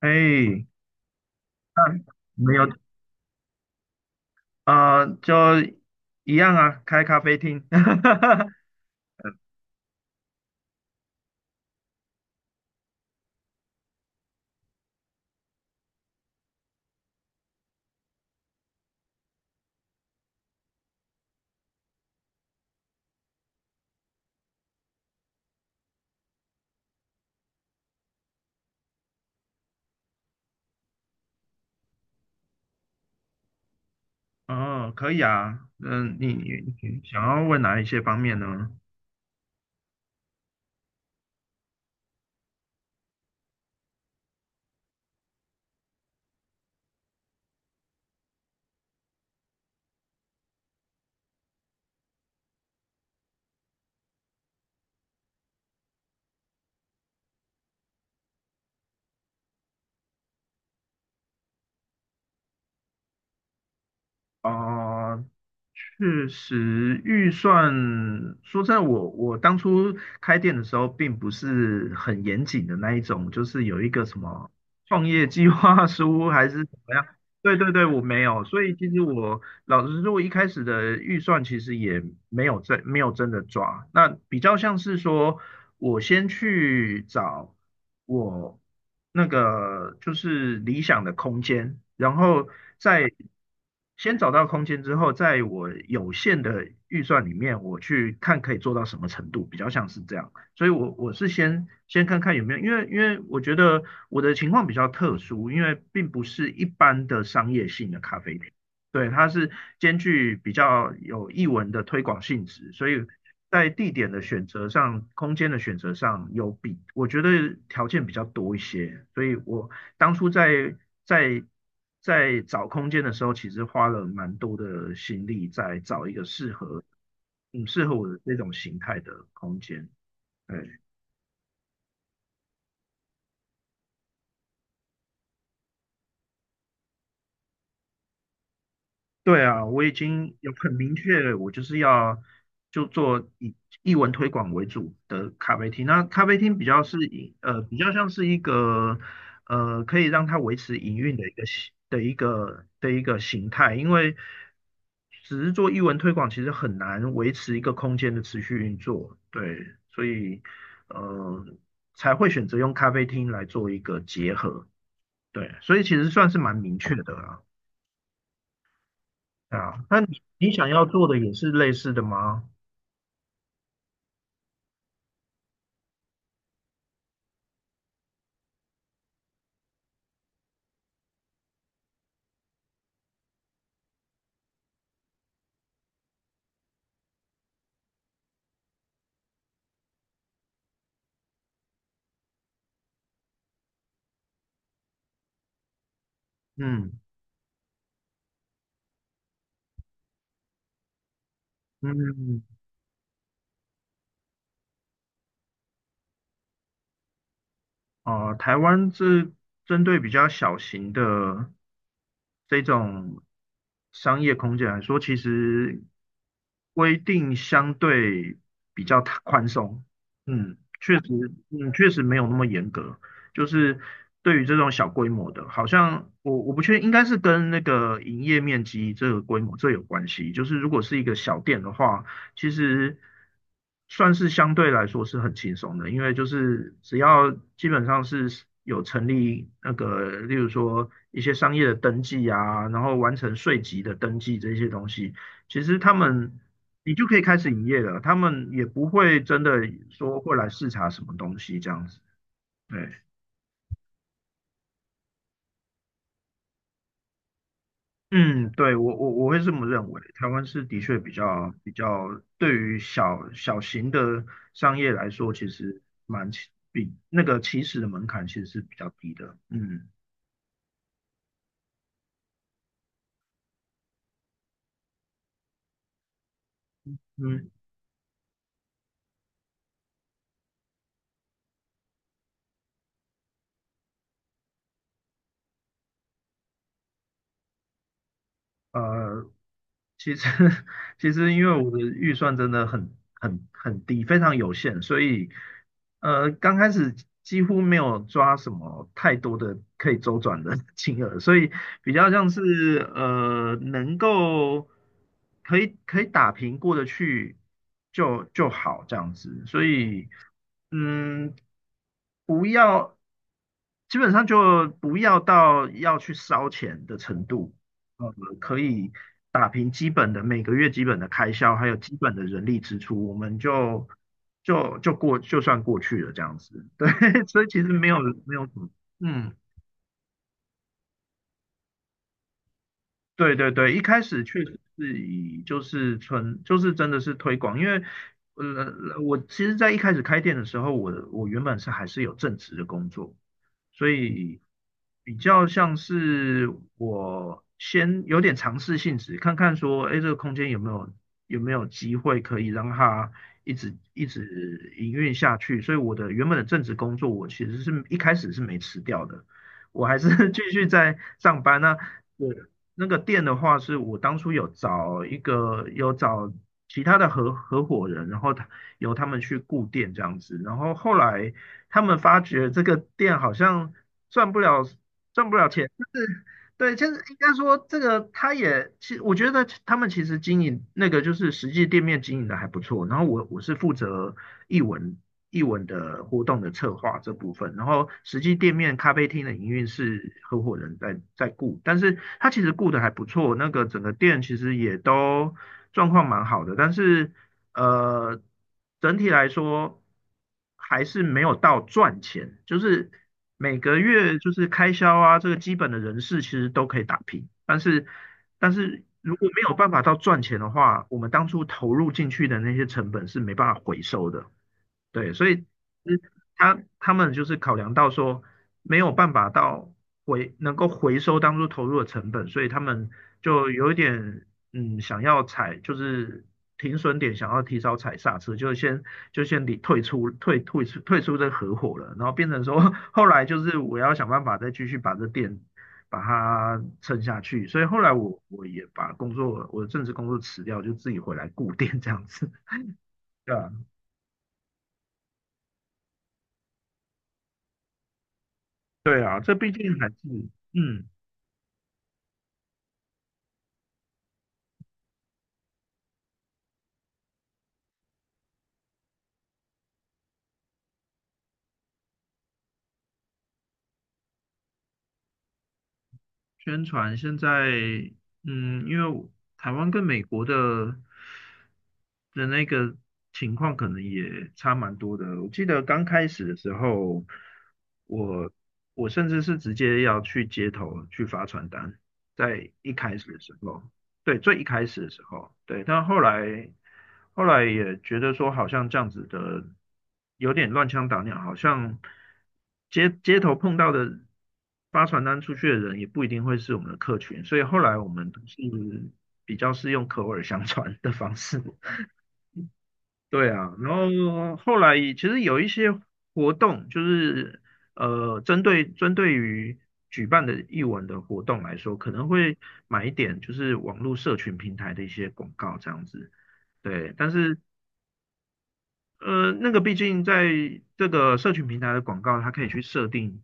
哎，啊，没有，啊，就一样啊，开咖啡厅。哈哈哈哦，可以啊。嗯，你想要问哪一些方面呢？哦，确实，预算，说真的，我当初开店的时候，并不是很严谨的那一种，就是有一个什么创业计划书还是怎么样。对对对，我没有，所以其实我老实说，我一开始的预算其实也没有真的抓，那比较像是说，我先去找我那个就是理想的空间，然后再先找到空间之后，在我有限的预算里面，我去看可以做到什么程度，比较像是这样。所以我是先看看有没有，因为我觉得我的情况比较特殊，因为并不是一般的商业性的咖啡厅，对，它是兼具比较有艺文的推广性质，所以在地点的选择上、空间的选择上有比我觉得条件比较多一些，所以我当初在在找空间的时候，其实花了蛮多的心力在找一个适合适合我的这种形态的空间，对。对啊，我已经有很明确我就是要就做以艺文推广为主的咖啡厅。那咖啡厅比较是以比较像是一个可以让它维持营运的一个形的一个的一个形态，因为只是做艺文推广，其实很难维持一个空间的持续运作。对，所以呃才会选择用咖啡厅来做一个结合。对，所以其实算是蛮明确的啊。啊，那你想要做的也是类似的吗？嗯嗯，哦，台湾是针对比较小型的这种商业空间来说，其实规定相对比较宽松。嗯，确实，嗯，确实没有那么严格。就是对于这种小规模的，好像我不确定，应该是跟那个营业面积这个规模这有关系。就是如果是一个小店的话。其实算是相对来说是很轻松的，因为就是只要基本上是有成立那个，例如说一些商业的登记啊，然后完成税籍的登记这些东西，其实他们你就可以开始营业了，他们也不会真的说会来视察什么东西这样子。对。嗯，对，我会这么认为，台湾是的确比较对于小型的商业来说，其实蛮起比那个起始的门槛其实是比较低的。嗯嗯，呃，其实，其实因为我的预算真的很低，非常有限，所以呃，刚开始几乎没有抓什么太多的可以周转的 金额，所以比较像是呃，能够可以打平过得去就好这样子，所以嗯，不要基本上就不要到要去烧钱的程度。呃，可以打平基本的每个月基本的开销，还有基本的人力支出，我们就就就过就算过去了这样子。对，所以其实没有什么，嗯，对对对，一开始确实是以就是纯就是真的是推广，因为呃我其实，在一开始开店的时候，我原本是还是有正职的工作，所以比较像是我先有点尝试性质，看看说，哎，这个空间有没有机会可以让它一直营运下去，所以我的原本的正职工作，我其实是一开始是没辞掉的，我还是 继续在上班那。对那个店的话，是我当初有找其他的合伙人，然后他由他们去顾店这样子，然后后来他们发觉这个店好像赚不了赚不了钱，就是。对，其实应该说这个，他也其我觉得他们其实经营那个就是实际店面经营的还不错。然后我是负责译文译文的活动的策划这部分，然后实际店面咖啡厅的营运是合伙人在顾，但是他其实顾的还不错，那个整个店其实也都状况蛮好的，但是呃，整体来说还是没有到赚钱，就是每个月就是开销啊，这个基本的人事其实都可以打平，但是如果没有办法到赚钱的话，我们当初投入进去的那些成本是没办法回收的。对，所以嗯他们就是考量到说没有办法能够回收当初投入的成本，所以他们就有一点嗯想要踩就是停损点，想要提早踩刹车，就先离退出退退出退出这合伙了，然后变成说 后来就是我要想办法再继续把这店把它撑下去，所以后来我也把工作我的正职工作辞掉，就自己回来顾店这样子，对啊对啊，这毕竟还是嗯，宣传现在嗯，因为台湾跟美国的那个情况可能也差蛮多的。我记得刚开始的时候，我我甚至是直接要去街头去发传单，在一开始的时候，对，最一开始的时候，对，但后来也觉得说，好像这样子的有点乱枪打鸟，好像街头碰到的发传单出去的人也不一定会是我们的客群，所以后来我们是比较是用口耳相传的方式，对啊，然后后来其实有一些活动，就是呃，针对于举办的艺文的活动来说，可能会买一点就是网络社群平台的一些广告这样子，对。但是呃，那个毕竟在这个社群平台的广告，它可以去设定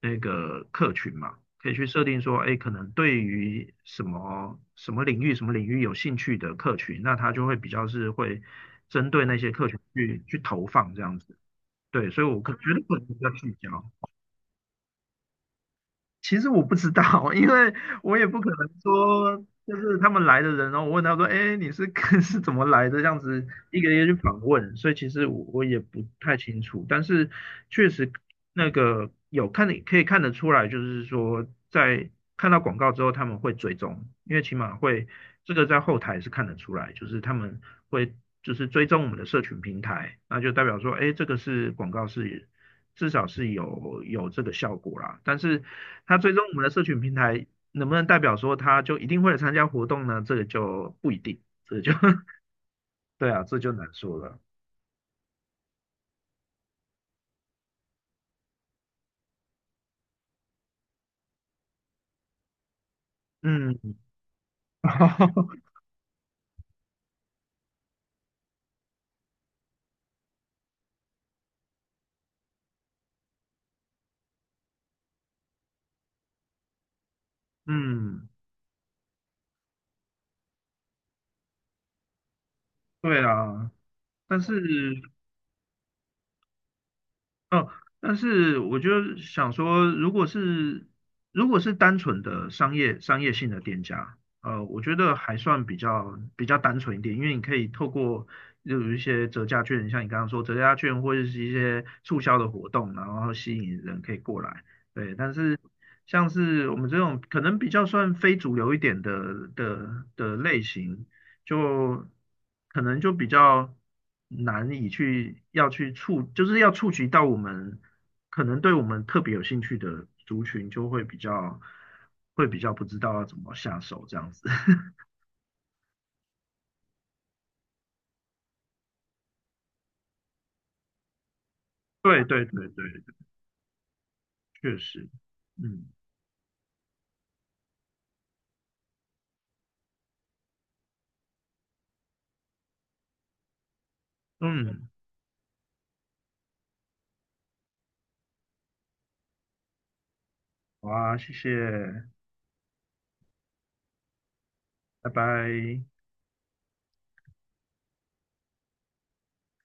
那个客群嘛，可以去设定说，哎，可能对于什么什么领域、什么领域有兴趣的客群，那它就会比较是会针对那些客群去投放这样子。对，所以觉得可能比较聚焦。其实我不知道，因为我也不可能说，就是他们来的人，然后我问他说：“哎，你是 是怎么来的？”这样子一个一个去访问，所以其实我也不太清楚，但是确实那个有看得可以看得出来，就是说在看到广告之后，他们会追踪，因为起码会这个在后台是看得出来，就是他们会就是追踪我们的社群平台，那就代表说，哎，这个是广告是。至少是有这个效果啦。但是它追踪我们的社群平台，能不能代表说它就一定会来参加活动呢？这个就不一定，这个就 对啊，这就难说了。嗯，嗯，对啊，但是哦，但是我就想说，如果是单纯的商业性的店家，呃，我觉得还算比较单纯一点，因为你可以透过就有一些折价券，像你刚刚说折价券或者是一些促销的活动，然后吸引人可以过来。对，但是像是我们这种可能比较算非主流一点的类型，就可能就比较难以去要去触，就是要触及到我们可能对我们特别有兴趣的族群，就会会比较不知道要怎么下手这样子。对对对对，确实，嗯嗯，好啊，谢谢，拜拜。